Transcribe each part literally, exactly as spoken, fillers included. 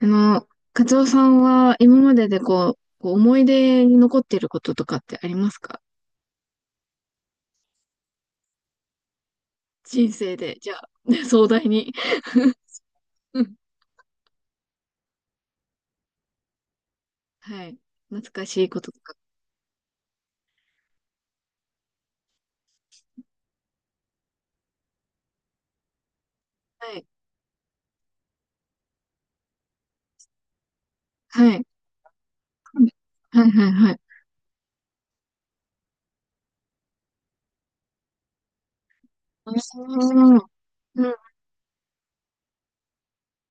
あの、カツオさんは今まででこう、こう思い出に残っていることとかってありますか？人生で、じゃあ、ね壮大に。うん。はい。懐かしいこととか。はい。はい。はいはいはい。あーうん。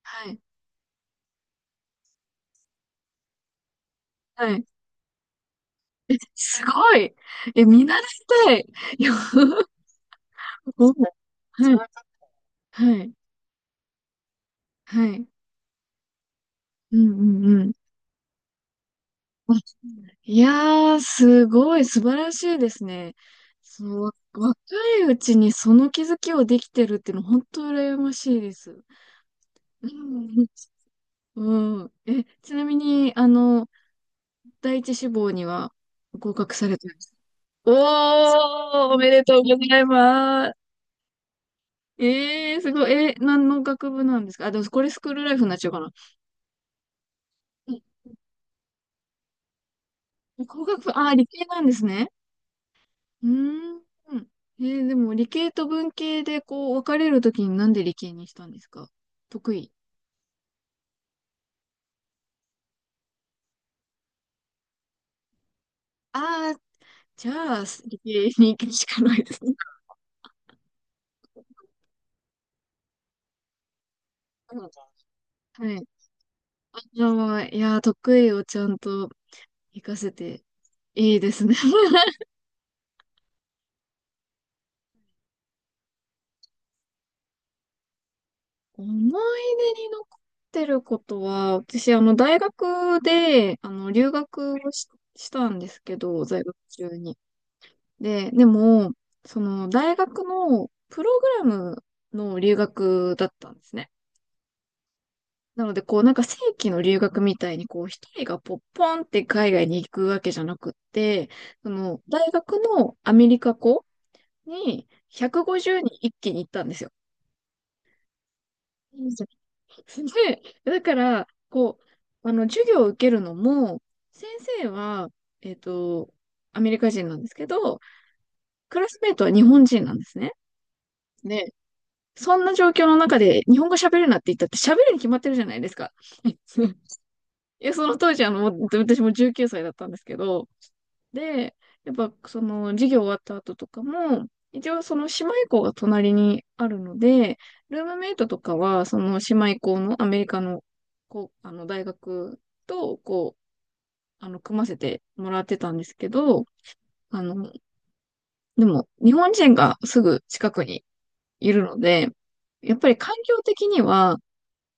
はい。はい。すごい。え、見習いたい。いや、ん、はい。はい。はい。うんうん。 わいやー、すごい素晴らしいですね。その、わ若いうちにその気づきをできてるっていうの、本当羨ましいです。うん。うん。え、ちなみに、あの、第一志望には合格されたんですか？おー、おめでとうございます。えー、すごい。え、何の学部なんですか？あ、でもこれスクールライフになっちゃうかな。うん。工学部、あー、理系なんですね。うーん。えーでも理系と文系でこう分かれるときになんで理系にしたんですか？得意。ああ、じゃあ、理系に行くしかないですね。うん。はい。あ、じゃあ、いやー、得意をちゃんと活かせていいですね。思い出に残ってることは、私、あの、大学で、あの、留学をし、したんですけど、在学中に。で、でも、その大学のプログラムの留学だったんですね。なので、こうなんか正規の留学みたいに、こう一人がポッポンって海外に行くわけじゃなくって、その大学のアメリカ校にひゃくごじゅうにん一気に行ったんですよ。うん。で、だから、こう、あの、授業を受けるのも、先生は、えっと、アメリカ人なんですけど、クラスメイトは日本人なんですね。そんな状況の中で日本語喋るなって言ったって喋るに決まってるじゃないですか。いや、その当時、あの、私もじゅう私もじゅうきゅうさいだったんですけど、で、やっぱその授業終わった後とかも、一応その姉妹校が隣にあるので、ルームメイトとかは、その姉妹校のアメリカの、こう、あの、大学と、こう、あの、組ませてもらってたんですけど、あの、でも、日本人がすぐ近くにいるので、やっぱり環境的には、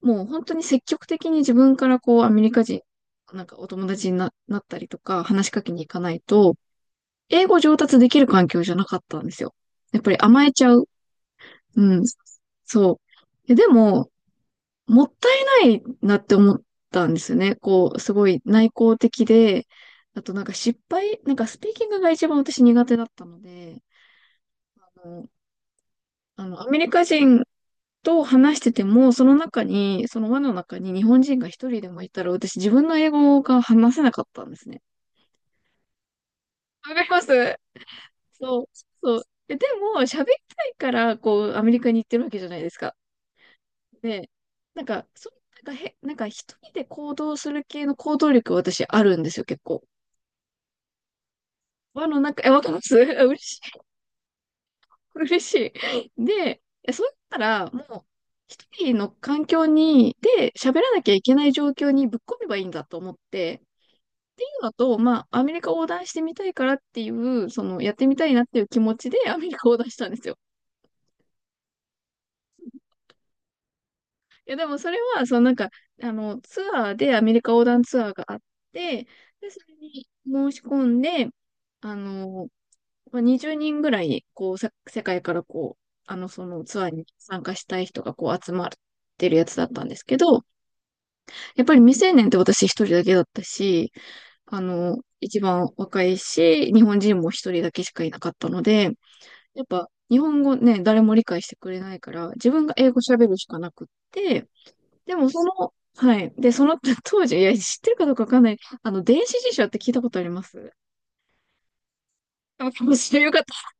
もう本当に積極的に自分からこうアメリカ人、なんかお友達にな、なったりとか話しかけに行かないと、英語上達できる環境じゃなかったんですよ。やっぱり甘えちゃう。うん。そう。えでも、もったいないなって思ったんですよね。こう、すごい内向的で、あとなんか失敗、なんかスピーキングが一番私苦手だったので、あの、あのアメリカ人と話してても、その中に、その輪の中に日本人が一人でもいたら、私自分の英語が話せなかったんですね。わかります。そう、そう。で、でも、喋りたいから、こう、アメリカに行ってるわけじゃないですか。で、なんか、そう、なんかへ、なんか一人で行動する系の行動力、私あるんですよ、結構。輪の中、え、わかります。 嬉しい。嬉しい。で、えそう言ったら、もう、一人の環境に、で、喋らなきゃいけない状況にぶっ込めばいいんだと思って、っていうのと、まあ、アメリカ横断してみたいからっていう、その、やってみたいなっていう気持ちで アメリカ横断したんですよ。いや、でもそれは、そのなんか、あの、ツアーでアメリカ横断ツアーがあって、で、それに申し込んで、あの、まあ、にじゅうにんぐらい、こう、さ世界からこう、あの、そのツアーに参加したい人がこう集まってるやつだったんですけど、やっぱり未成年って私一人だけだったし、あの、一番若いし、日本人も一人だけしかいなかったので、やっぱ日本語ね、誰も理解してくれないから、自分が英語喋るしかなくって、でもその、はい。で、その 当時、いや、知ってるかどうかわかんない。あの、電子辞書って聞いたことあります？あかもしれよかった。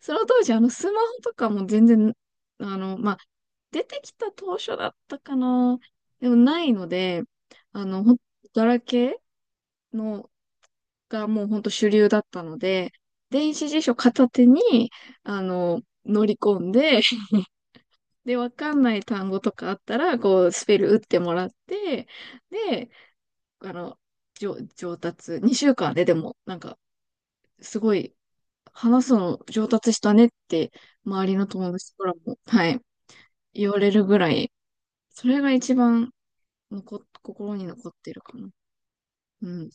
その当時、あの、スマホとかも全然、あの、まあ、出てきた当初だったかな。でもないので、あの、ほんガラケーのがもうほんと主流だったので、電子辞書片手に、あの、乗り込んで、で、わかんない単語とかあったら、こう、スペル打ってもらって、で、あの、じょ上達、にしゅうかんででも、なんか、すごい、話すの上達したねって、周りの友達からも、はい、言われるぐらい、それが一番残心に残ってるかな。うん。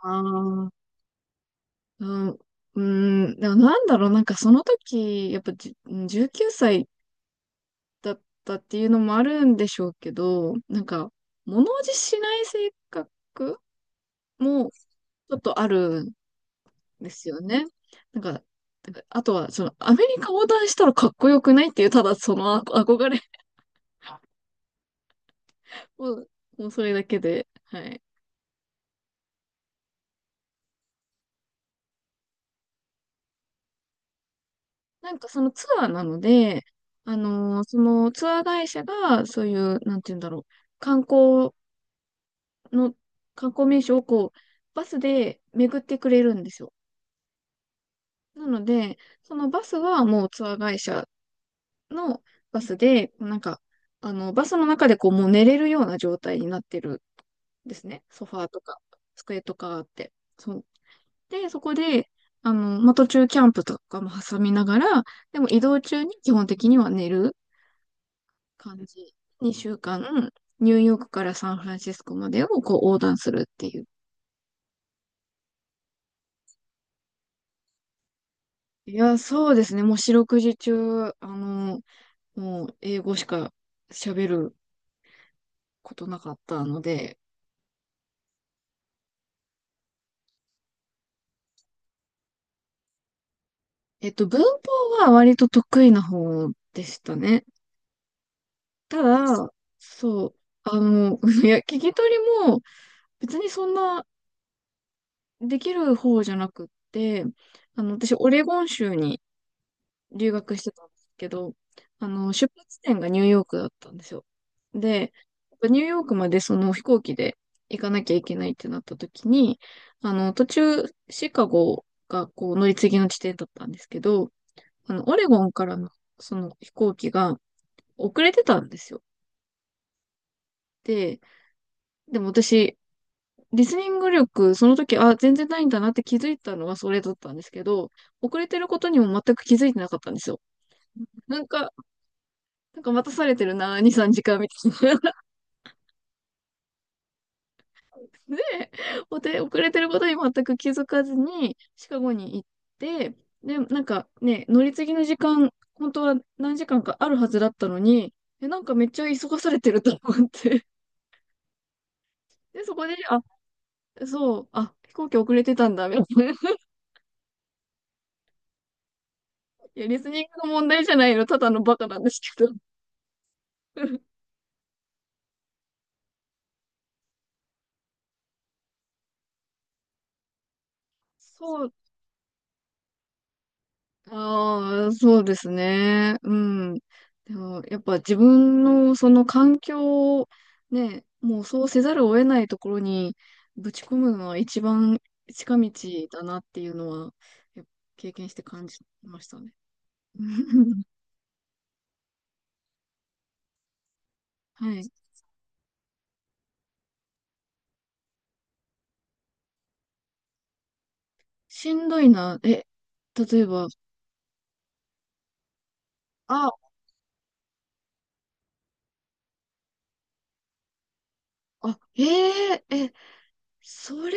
ああ、うん、うん、でもなんだろう、なんかその時、やっぱじじゅうきゅうさいだったっていうのもあるんでしょうけど、なんか、物おじしない性格もちょっとあるんですよね。なんか、なんかあとは、その、アメリカ横断したらかっこよくないっていう、ただその憧憧れもう、もうそれだけで、はい。なんかそのツアーなので、あのーそのツアー会社が、そういう、なんて言うんだろう、観光の、観光名所をこう、バスで巡ってくれるんですよ。なので、そのバスはもうツアー会社のバスで、なんか、あの、バスの中でこう、もう寝れるような状態になってるんですね。ソファーとか、机とかあって。そう。で、そこで、あの、まあ、途中キャンプとかも挟みながら、でも移動中に基本的には寝る感じ。にしゅうかん、ニューヨークからサンフランシスコまでをこう横断するっていう。いや、そうですね。もう四六時中、あの、もう英語しか喋ることなかったので、えっと、文法は割と得意な方でしたね。ただ、そう、あの、いや、聞き取りも別にそんなできる方じゃなくって、あの、私、オレゴン州に留学してたんですけど、あの、出発点がニューヨークだったんですよ。で、やっぱニューヨークまでその飛行機で行かなきゃいけないってなった時に、あの、途中、シカゴがこう乗り継ぎの地点だったんですけど、あの、オレゴンからの、その飛行機が遅れてたんですよ。で、でも私、リスニング力、その時、あ、全然ないんだなって気づいたのはそれだったんですけど、遅れてることにも全く気づいてなかったんですよ。なんか、なんか待たされてるな、に、さんじかんみたいな。で、お手遅れてることに全く気づかずに、シカゴに行って、で、なんかね、乗り継ぎの時間、本当は何時間かあるはずだったのに、え、なんかめっちゃ急がされてると思って。で、そこで、あ、そう、あ、飛行機遅れてたんだ、みたいな。いや、リスニングの問題じゃないの、ただのバカなんですけど。そう、ああ、そうですね。うん。でも、やっぱ自分のその環境をね、もうそうせざるを得ないところにぶち込むのは一番近道だなっていうのは、やっぱ経験して感じましたね。はい。しんどいな。え、例えば、あ、あ、えええ、それ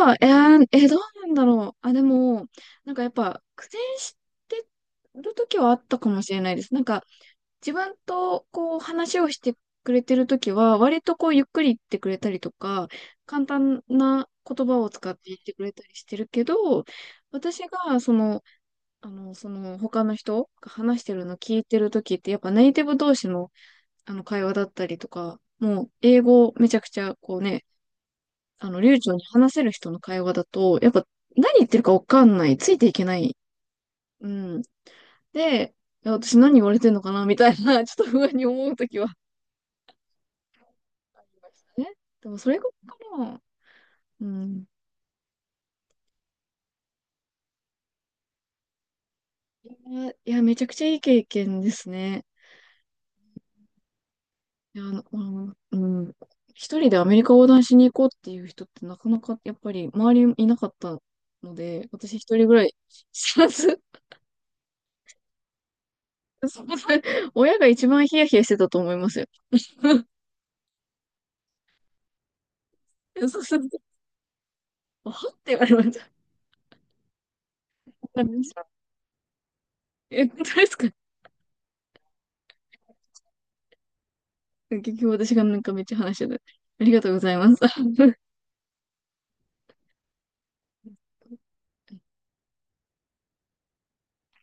は、えーえーどうなんだろう。あ、でも、なんかやっぱ苦戦してる時はあったかもしれないです。なんか自分とこう話をしてくれてる時は、割とこうゆっくり言ってくれたりとか、簡単な言葉を使って言ってくれたりしてるけど、私がその、あの、その他の人が話してるの聞いてる時ってやっぱネイティブ同士のあの会話だったりとか、もう英語めちゃくちゃこうね、あの、流暢に話せる人の会話だと、やっぱ何言ってるかわかんない。ついていけない。うん。で、いや私何言われてんのかなみたいな、ちょっと不安に思うときはありましたね。でもそれがかな。うん。いや、めちゃくちゃいい経験ですね。いや、あの、あのうん。うん。一人でアメリカ横断しに行こうっていう人ってなかなかやっぱり周りいなかったので、私一人ぐらい知らず、そう。親が一番ヒヤヒヤしてたと思いますよ。そうそう、はって言われました。え、本当ですか？ 結局私がなんかめっちゃ話してた。ありがとうございます。